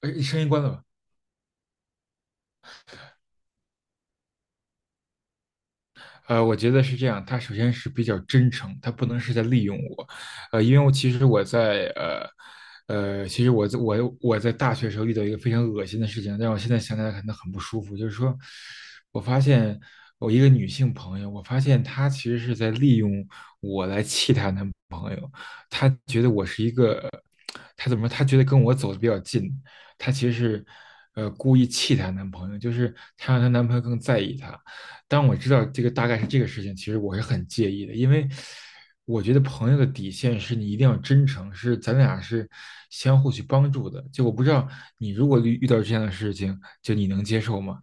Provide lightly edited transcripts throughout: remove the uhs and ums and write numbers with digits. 哎，声音关了吧？我觉得是这样，他首先是比较真诚，他不能是在利用我，因为我其实我在呃呃，其实我在我我在大学时候遇到一个非常恶心的事情，让我现在想起来可能很不舒服，就是说，我发现我一个女性朋友，我发现她其实是在利用我来气她男朋友，她觉得我是一个，她怎么说？她觉得跟我走的比较近，她其实是故意气她男朋友，就是她让她男朋友更在意她。当我知道这个大概是这个事情，其实我是很介意的，因为我觉得朋友的底线是你一定要真诚，是咱俩是相互去帮助的。就我不知道你如果遇到这样的事情，就你能接受吗？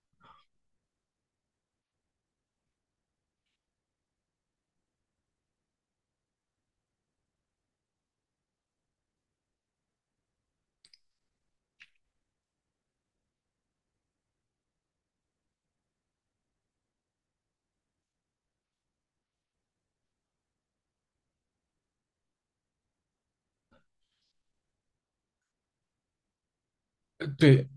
呃对，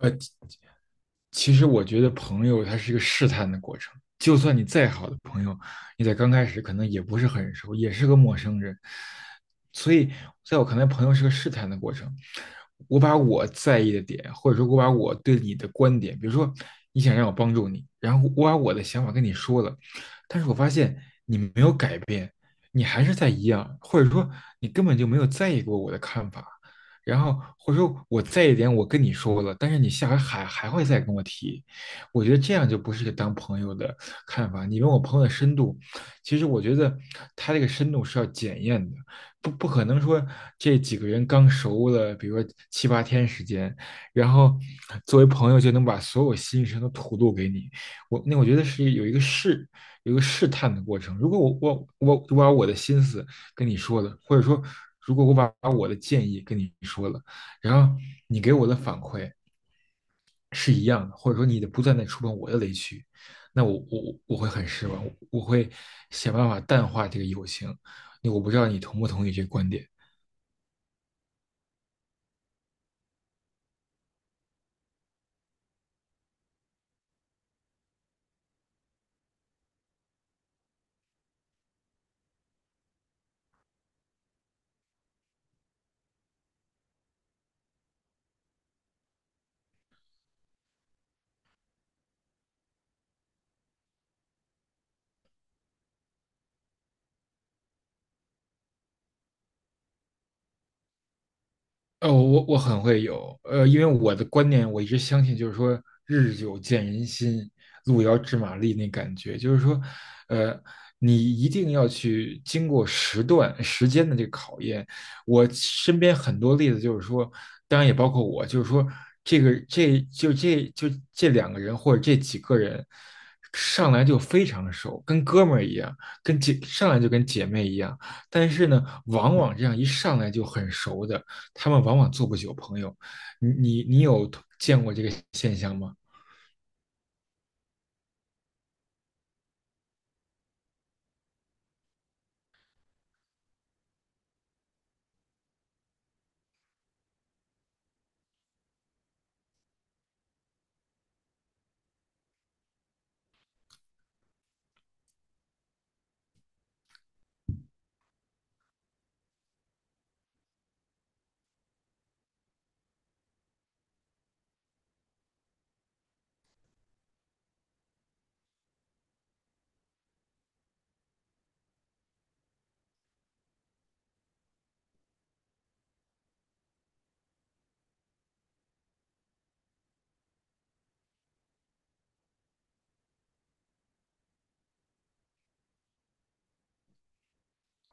呃其实我觉得朋友他是一个试探的过程，就算你再好的朋友，你在刚开始可能也不是很熟，也是个陌生人，所以在我看来，朋友是个试探的过程。我把我在意的点，或者说我把我对你的观点，比如说你想让我帮助你，然后我把我的想法跟你说了，但是我发现你没有改变，你还是在一样，或者说你根本就没有在意过我的看法，然后或者说我在一点我跟你说了，但是你下回还会再跟我提，我觉得这样就不是个当朋友的看法。你问我朋友的深度，其实我觉得他这个深度是要检验的，不可能说这几个人刚熟了，比如说七八天时间，然后作为朋友就能把所有心声都吐露给你。我那我觉得是有一个试探的过程。如果我把我的心思跟你说了，或者说如果我把我的建议跟你说了，然后你给我的反馈是一样的，或者说你的不断在触碰我的雷区，那我会很失望，我会想办法淡化这个友情。我不知道你同不同意这个观点。呃，我很会有，因为我的观念，我一直相信，就是说日久见人心，路遥知马力那感觉，就是说，呃，你一定要去经过时段时间的这个考验。我身边很多例子就是说，当然也包括我，就是说这两个人或者这几个人上来就非常熟，跟哥们儿一样，跟姐上来就跟姐妹一样，但是呢，往往这样一上来就很熟的。他们往往做不久朋友。你有见过这个现象吗？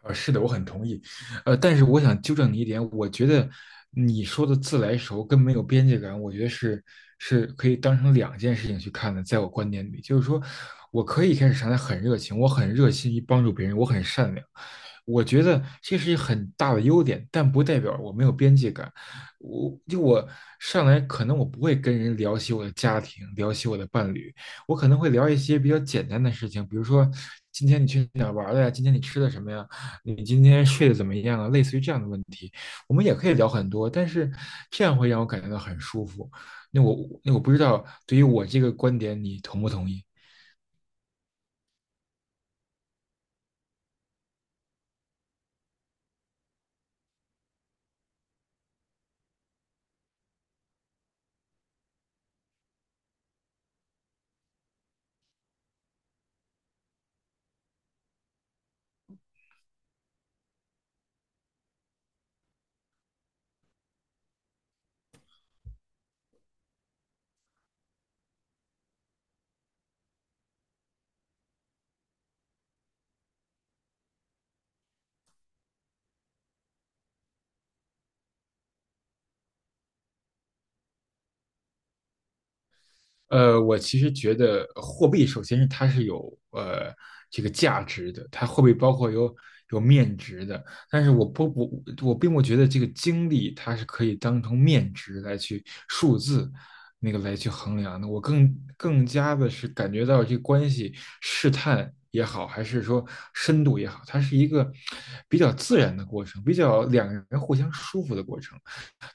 呃，是的，我很同意。但是我想纠正你一点，我觉得你说的自来熟跟没有边界感，我觉得是可以当成两件事情去看的。在我观点里，就是说我可以一开始上来很热情，我很热心于帮助别人，我很善良，我觉得这是一个很大的优点，但不代表我没有边界感。我上来可能我不会跟人聊起我的家庭，聊起我的伴侣，我可能会聊一些比较简单的事情，比如说今天你去哪儿玩了呀？今天你吃的什么呀？你今天睡得怎么样啊？类似于这样的问题，我们也可以聊很多，但是这样会让我感觉到很舒服。那我那我不知道，对于我这个观点，你同不同意？呃，我其实觉得货币首先是它是有这个价值的，它货币包括有面值的，但是我并不觉得这个经历它是可以当成面值来去数字那个来去衡量的，我更加的是感觉到这个关系试探也好，还是说深度也好，它是一个比较自然的过程，比较两个人互相舒服的过程。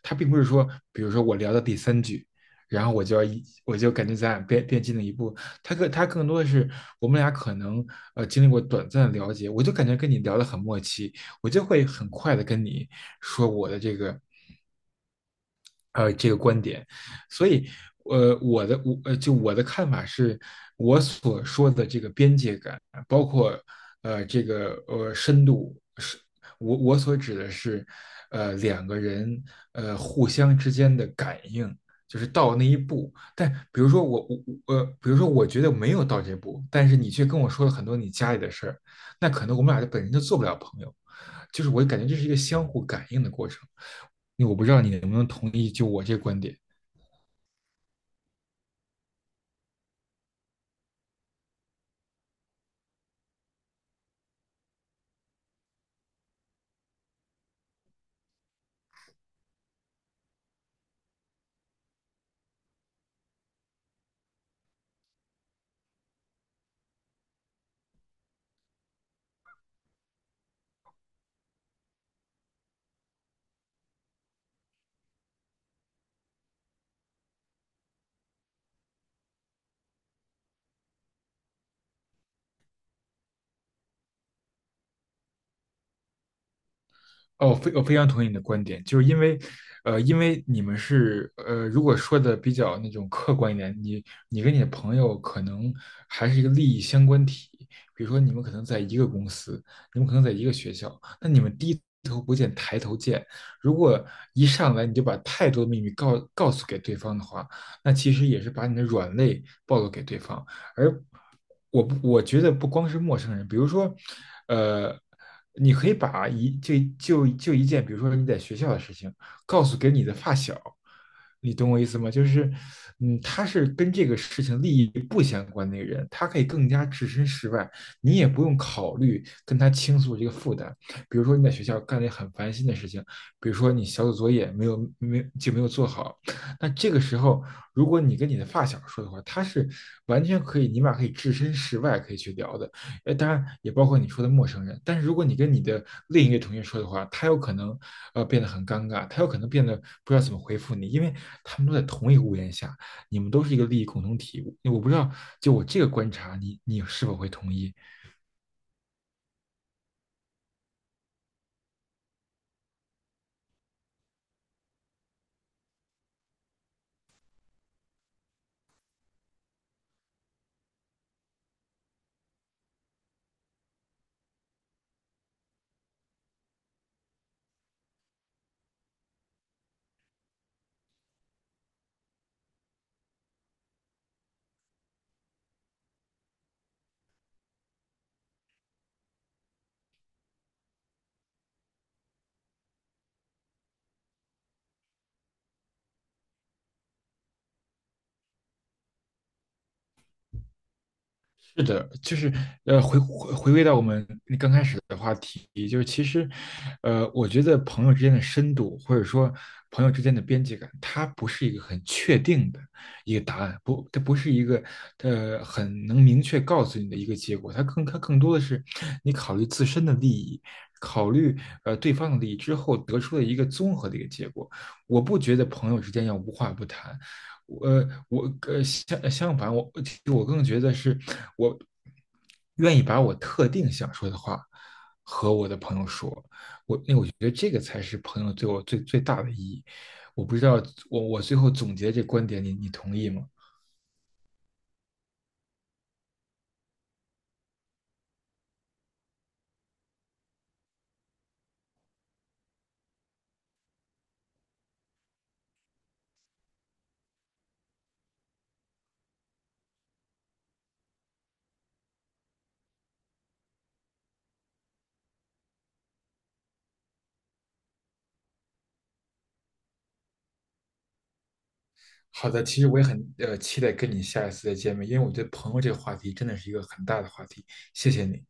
它并不是说，比如说我聊到第三句，然后我就感觉咱俩变近了一步。他更多的是我们俩可能经历过短暂的了解，我就感觉跟你聊得很默契，我就会很快的跟你说我的这个这个观点，所以呃我的我呃就我的看法是，我所说的这个边界感，包括这个深度是，我所指的是，两个人互相之间的感应，就是到那一步。但比如说我我我呃，比如说我觉得没有到这步，但是你却跟我说了很多你家里的事儿，那可能我们俩就本身就做不了朋友。就是我感觉这是一个相互感应的过程。我不知道你能不能同意，就我这个观点。哦，非常同意你的观点，就是因为，因为你们是，如果说的比较那种客观一点，你跟你的朋友可能还是一个利益相关体，比如说你们可能在一个公司，你们可能在一个学校，那你们低头不见抬头见，如果一上来你就把太多的秘密告诉给对方的话，那其实也是把你的软肋暴露给对方，而我我觉得不光是陌生人，比如说，呃，你可以把一就就就一件，比如说你在学校的事情，告诉给你的发小，你懂我意思吗？就是，嗯，他是跟这个事情利益不相关的一个人，他可以更加置身事外，你也不用考虑跟他倾诉这个负担。比如说你在学校干了一个很烦心的事情，比如说你小组作业没有做好，那这个时候，如果你跟你的发小说的话，他是完全可以，你们俩可以置身事外，可以去聊的。呃，当然也包括你说的陌生人。但是如果你跟你的另一个同学说的话，他有可能变得很尴尬，他有可能变得不知道怎么回复你，因为他们都在同一个屋檐下，你们都是一个利益共同体。我不知道，就我这个观察，你你是否会同意？是的，就是回归到我们刚开始的话题，就是其实，我觉得朋友之间的深度，或者说朋友之间的边界感，它不是一个很确定的一个答案，不，它不是一个很能明确告诉你的一个结果，它更多的是你考虑自身的利益，考虑对方的利益之后得出的一个综合的一个结果。我不觉得朋友之间要无话不谈，我我相反，我其实我更觉得是我愿意把我特定想说的话和我的朋友说，我因为我觉得这个才是朋友对我最大的意义。我不知道我最后总结这观点，你你同意吗？好的，其实我也很期待跟你下一次再见面，因为我觉得朋友这个话题真的是一个很大的话题。谢谢你。